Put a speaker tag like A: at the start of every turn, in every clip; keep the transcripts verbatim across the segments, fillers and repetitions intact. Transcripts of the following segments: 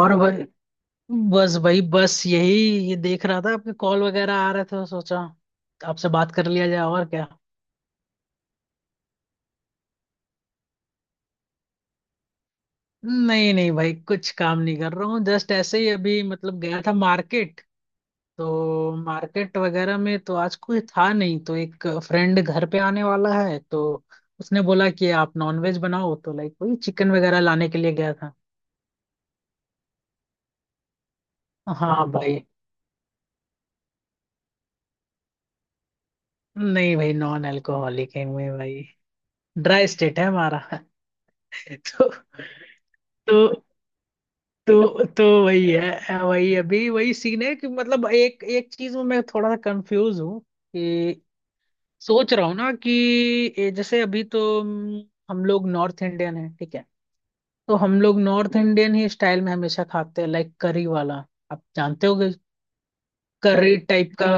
A: और भाई। बस भाई बस यही, ये देख रहा था आपके कॉल वगैरह आ रहे थे तो सोचा आपसे बात कर लिया जाए, और क्या। नहीं नहीं भाई, कुछ काम नहीं कर रहा हूँ, जस्ट ऐसे ही अभी मतलब गया था मार्केट। तो मार्केट वगैरह में तो आज कोई था नहीं, तो एक फ्रेंड घर पे आने वाला है, तो उसने बोला कि आप नॉनवेज बनाओ, तो लाइक वही चिकन वगैरह लाने के लिए गया था। हाँ भाई। नहीं भाई, नॉन अल्कोहलिक है मैं भाई, ड्राई स्टेट है हमारा। तो तो तो तो वही है। अ, वही अभी वही सीन है कि मतलब एक एक चीज में मैं थोड़ा सा कंफ्यूज हूँ कि सोच रहा हूँ ना कि ये जैसे अभी तो हम्म, हम लोग नॉर्थ इंडियन हैं, ठीक है। तो हम लोग नॉर्थ इंडियन ही स्टाइल में हमेशा खाते हैं, लाइक करी वाला, आप जानते होगे। करी टाइप का।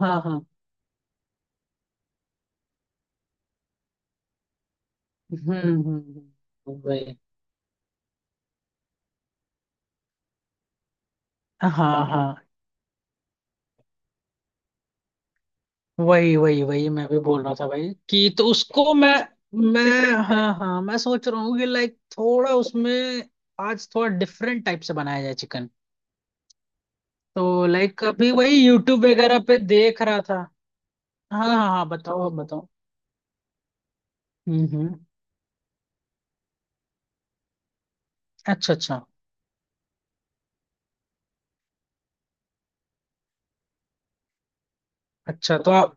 A: हाँ हाँ। हम्म हम्म। हम्म, वही। हाँ हाँ। वही वही वही मैं भी बोल रहा था भाई कि तो उसको मैं, मैं हाँ हाँ, मैं सोच रहा हूँ कि लाइक थोड़ा उसमें आज थोड़ा डिफरेंट टाइप से बनाया जाए चिकन। तो लाइक अभी वही यूट्यूब वगैरह पे देख रहा था। हाँ हाँ हाँ, बताओ आप बताओ। हम्म हम्म। अच्छा अच्छा। अच्छा, तो आप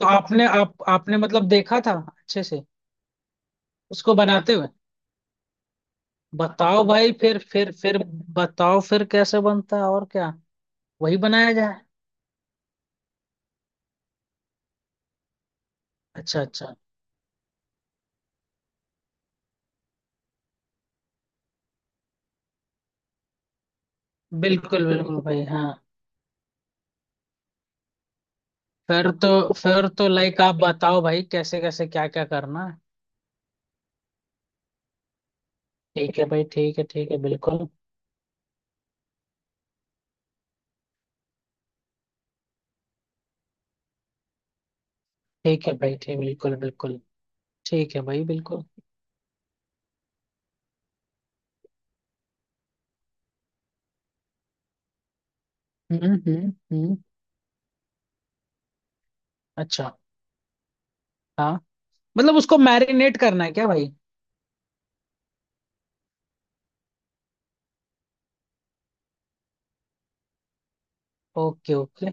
A: तो आपने आप आपने मतलब देखा था? अच्छे से उसको बनाते हुए। बताओ भाई फिर फिर फिर, बताओ फिर कैसे बनता है और क्या, वही बनाया जाए। अच्छा अच्छा, बिल्कुल बिल्कुल भाई, हाँ। फिर तो फिर तो लाइक आप बताओ भाई, कैसे कैसे क्या क्या करना है। ठीक है भाई, ठीक है ठीक है, बिल्कुल। ठीक है भाई, ठीक, बिल्कुल बिल्कुल। ठीक है भाई, बिल्कुल। हम्म हम्म हम्म। अच्छा। हाँ। मतलब उसको मैरिनेट करना है क्या भाई? Okay okay.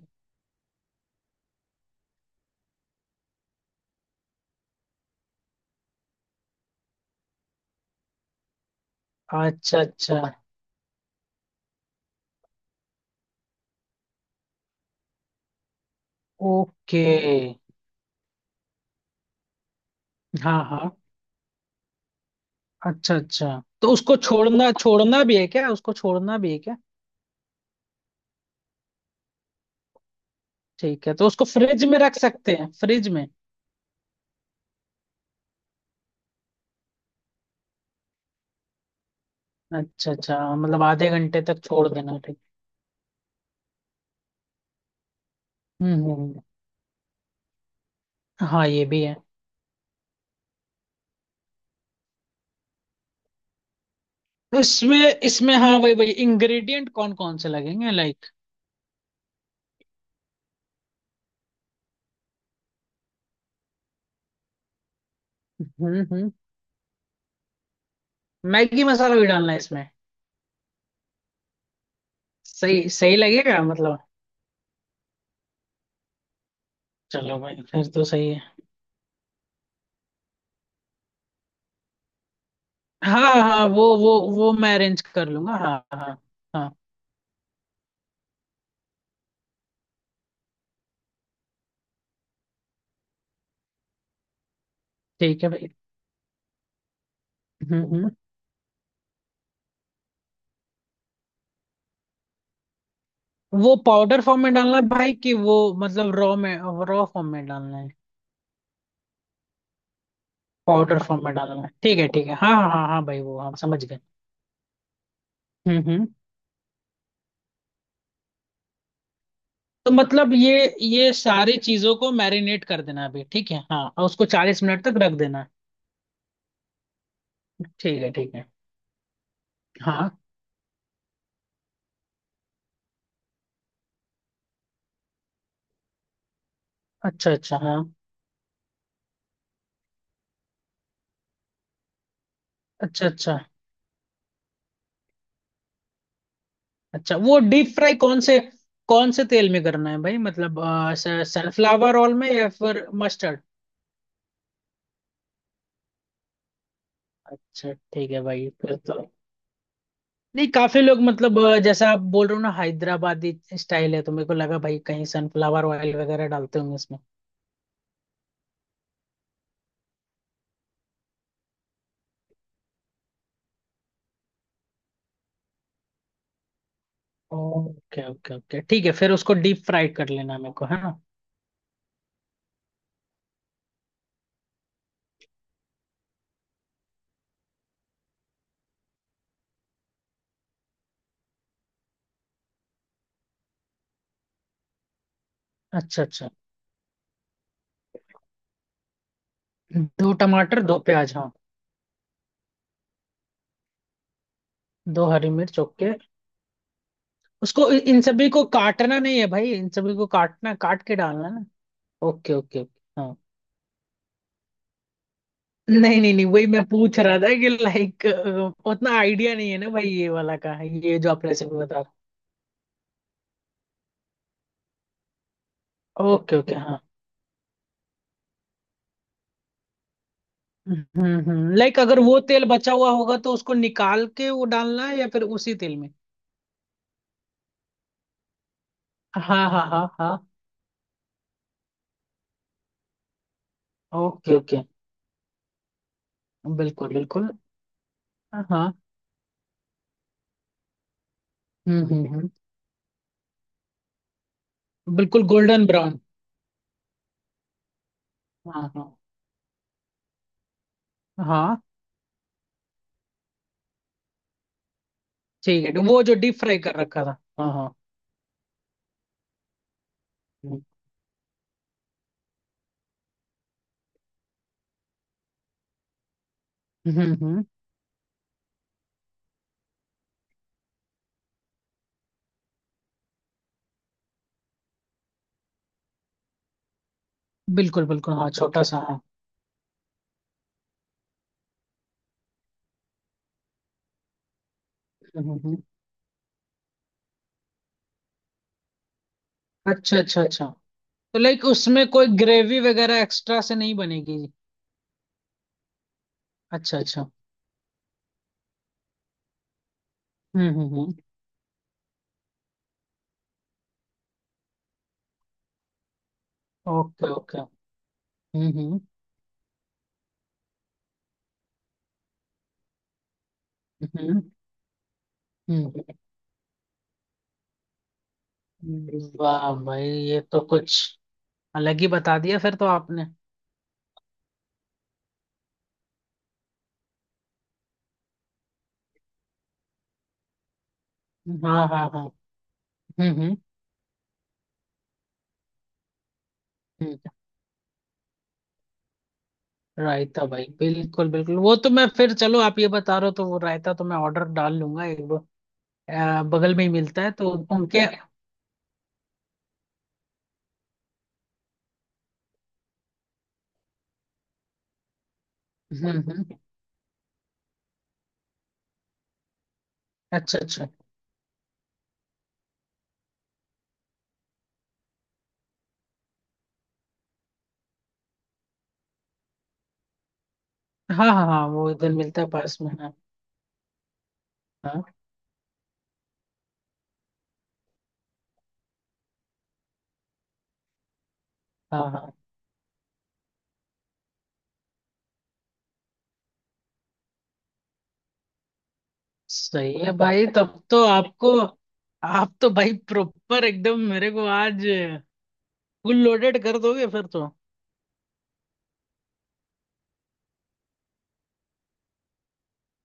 A: अच्छा। अच्छा। ओके। हाँ हाँ। अच्छा अच्छा। तो उसको छोड़ना, छोड़ना भी है क्या, उसको छोड़ना भी है क्या? ठीक है, तो उसको फ्रिज में रख सकते हैं, फ्रिज में? अच्छा अच्छा, मतलब आधे घंटे तक छोड़ देना, ठीक। हम्म हम्म। हाँ ये भी है। इसमें इसमें हाँ, वही वही इंग्रेडिएंट कौन कौन से लगेंगे, लाइक? हम्म हम्म। मैगी मसाला भी डालना है इसमें? सही सही लगेगा मतलब? चलो भाई, फिर तो सही है। हाँ हाँ, वो वो वो मैं अरेंज कर लूंगा, हाँ हाँ। हाँ। ठीक है भाई। हम्म हम्म। वो पाउडर फॉर्म में डालना है भाई कि वो मतलब रॉ में, रॉ फॉर्म में डालना है? पाउडर फॉर्म में डालना है, ठीक है ठीक है, हाँ हाँ हाँ हाँ भाई, वो हम समझ गए। हम्म हम्म। तो मतलब ये ये सारी चीजों को मैरिनेट कर देना अभी, ठीक है, हाँ, और उसको चालीस मिनट तक रख देना। ठीक है ठीक है। हाँ। अच्छा अच्छा, हाँ। अच्छा अच्छा अच्छा, वो डीप फ्राई कौन से कौन से तेल में करना है भाई, मतलब अ, स- सनफ्लावर ऑयल में या फिर मस्टर्ड? अच्छा ठीक है भाई, फिर तो। नहीं, काफी लोग मतलब अ, जैसा आप बोल रहे हो ना, हैदराबादी स्टाइल है, तो मेरे को लगा भाई कहीं सनफ्लावर ऑयल वगैरह डालते होंगे इसमें। ओके ओके ओके, ठीक है, फिर उसको डीप फ्राई कर लेना मेरे को, है ना? अच्छा अच्छा। दो टमाटर, दो प्याज, हाँ। दो हरी मिर्च, ओके। उसको इ- इन सभी को काटना नहीं है भाई, इन सभी को काटना, काट के डालना है ना? ओके ओके ओके, हाँ। नहीं नहीं नहीं, वही मैं पूछ रहा था कि लाइक उतना आइडिया नहीं है ना भाई, ये वाला का, ये जो आप रेसिपी बता रहे। ओके ओके, हाँ। हम्म हम्म, लाइक अगर वो तेल बचा हुआ होगा तो उसको निकाल के वो डालना है, या फिर उसी तेल में? हाँ हाँ हाँ हाँ। Okay okay. बिल्कुल बिल्कुल, हाँ। हम्म हम्म हम्म। बिल्कुल, गोल्डन ब्राउन। हाँ हाँ हाँ, ठीक है, वो जो डीप फ्राई कर रखा था, हाँ हाँ। हम्म, हम्म हम्म। बिल्कुल बिल्कुल, हाँ, छोटा सा, हाँ। हम्म, हम्म। अच्छा अच्छा अच्छा, तो लाइक उसमें कोई ग्रेवी वगैरह एक्स्ट्रा से नहीं बनेगी? अच्छा अच्छा। हम्म हम्म हम्म। Okay okay. हम्म हम्म हम्म हम्म। हम्म। वाह भाई, ये तो कुछ अलग ही बता दिया फिर तो आपने। हाँ हाँ हाँ। हम्म हम्म। हम्म। रायता भाई, बिल्कुल बिल्कुल, वो तो मैं, फिर चलो, आप ये बता रहे हो तो वो रायता तो मैं ऑर्डर डाल लूंगा एक, आ, बगल में ही मिलता है तो उनके। हम्म हम्म। अच्छा अच्छा, हाँ हाँ हाँ, वो इधर मिलता है पास में, हाँ। हाँ हाँ हाँ। सही है भाई, तब तो आपको, आप तो भाई प्रॉपर एकदम मेरे को आज फुल लोडेड कर दोगे फिर तो।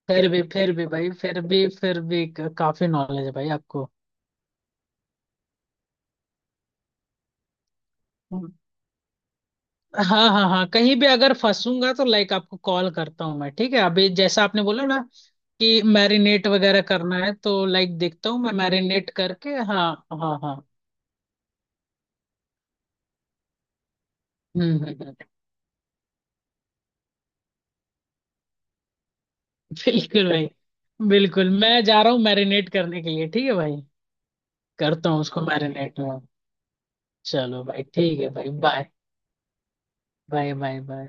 A: फिर भी फिर भी भाई, फिर भी फिर भी क- काफी नॉलेज है भाई आपको। हाँ हाँ हाँ, कहीं भी अगर फंसूंगा तो लाइक आपको कॉल करता हूँ मैं, ठीक है, अभी जैसा आपने बोला ना कि मैरिनेट वगैरह करना है, तो लाइक देखता हूँ मैं, मैरिनेट करके, हाँ, हाँ हाँ। हम्म हम्म, हम्म। बिल्कुल भाई। बिल्कुल, मैं जा रहा हूँ मैरिनेट करने के लिए, ठीक है भाई, करता हूँ उसको मैरिनेट में। चलो भाई, ठीक है भाई, बाय बाय बाय बाय।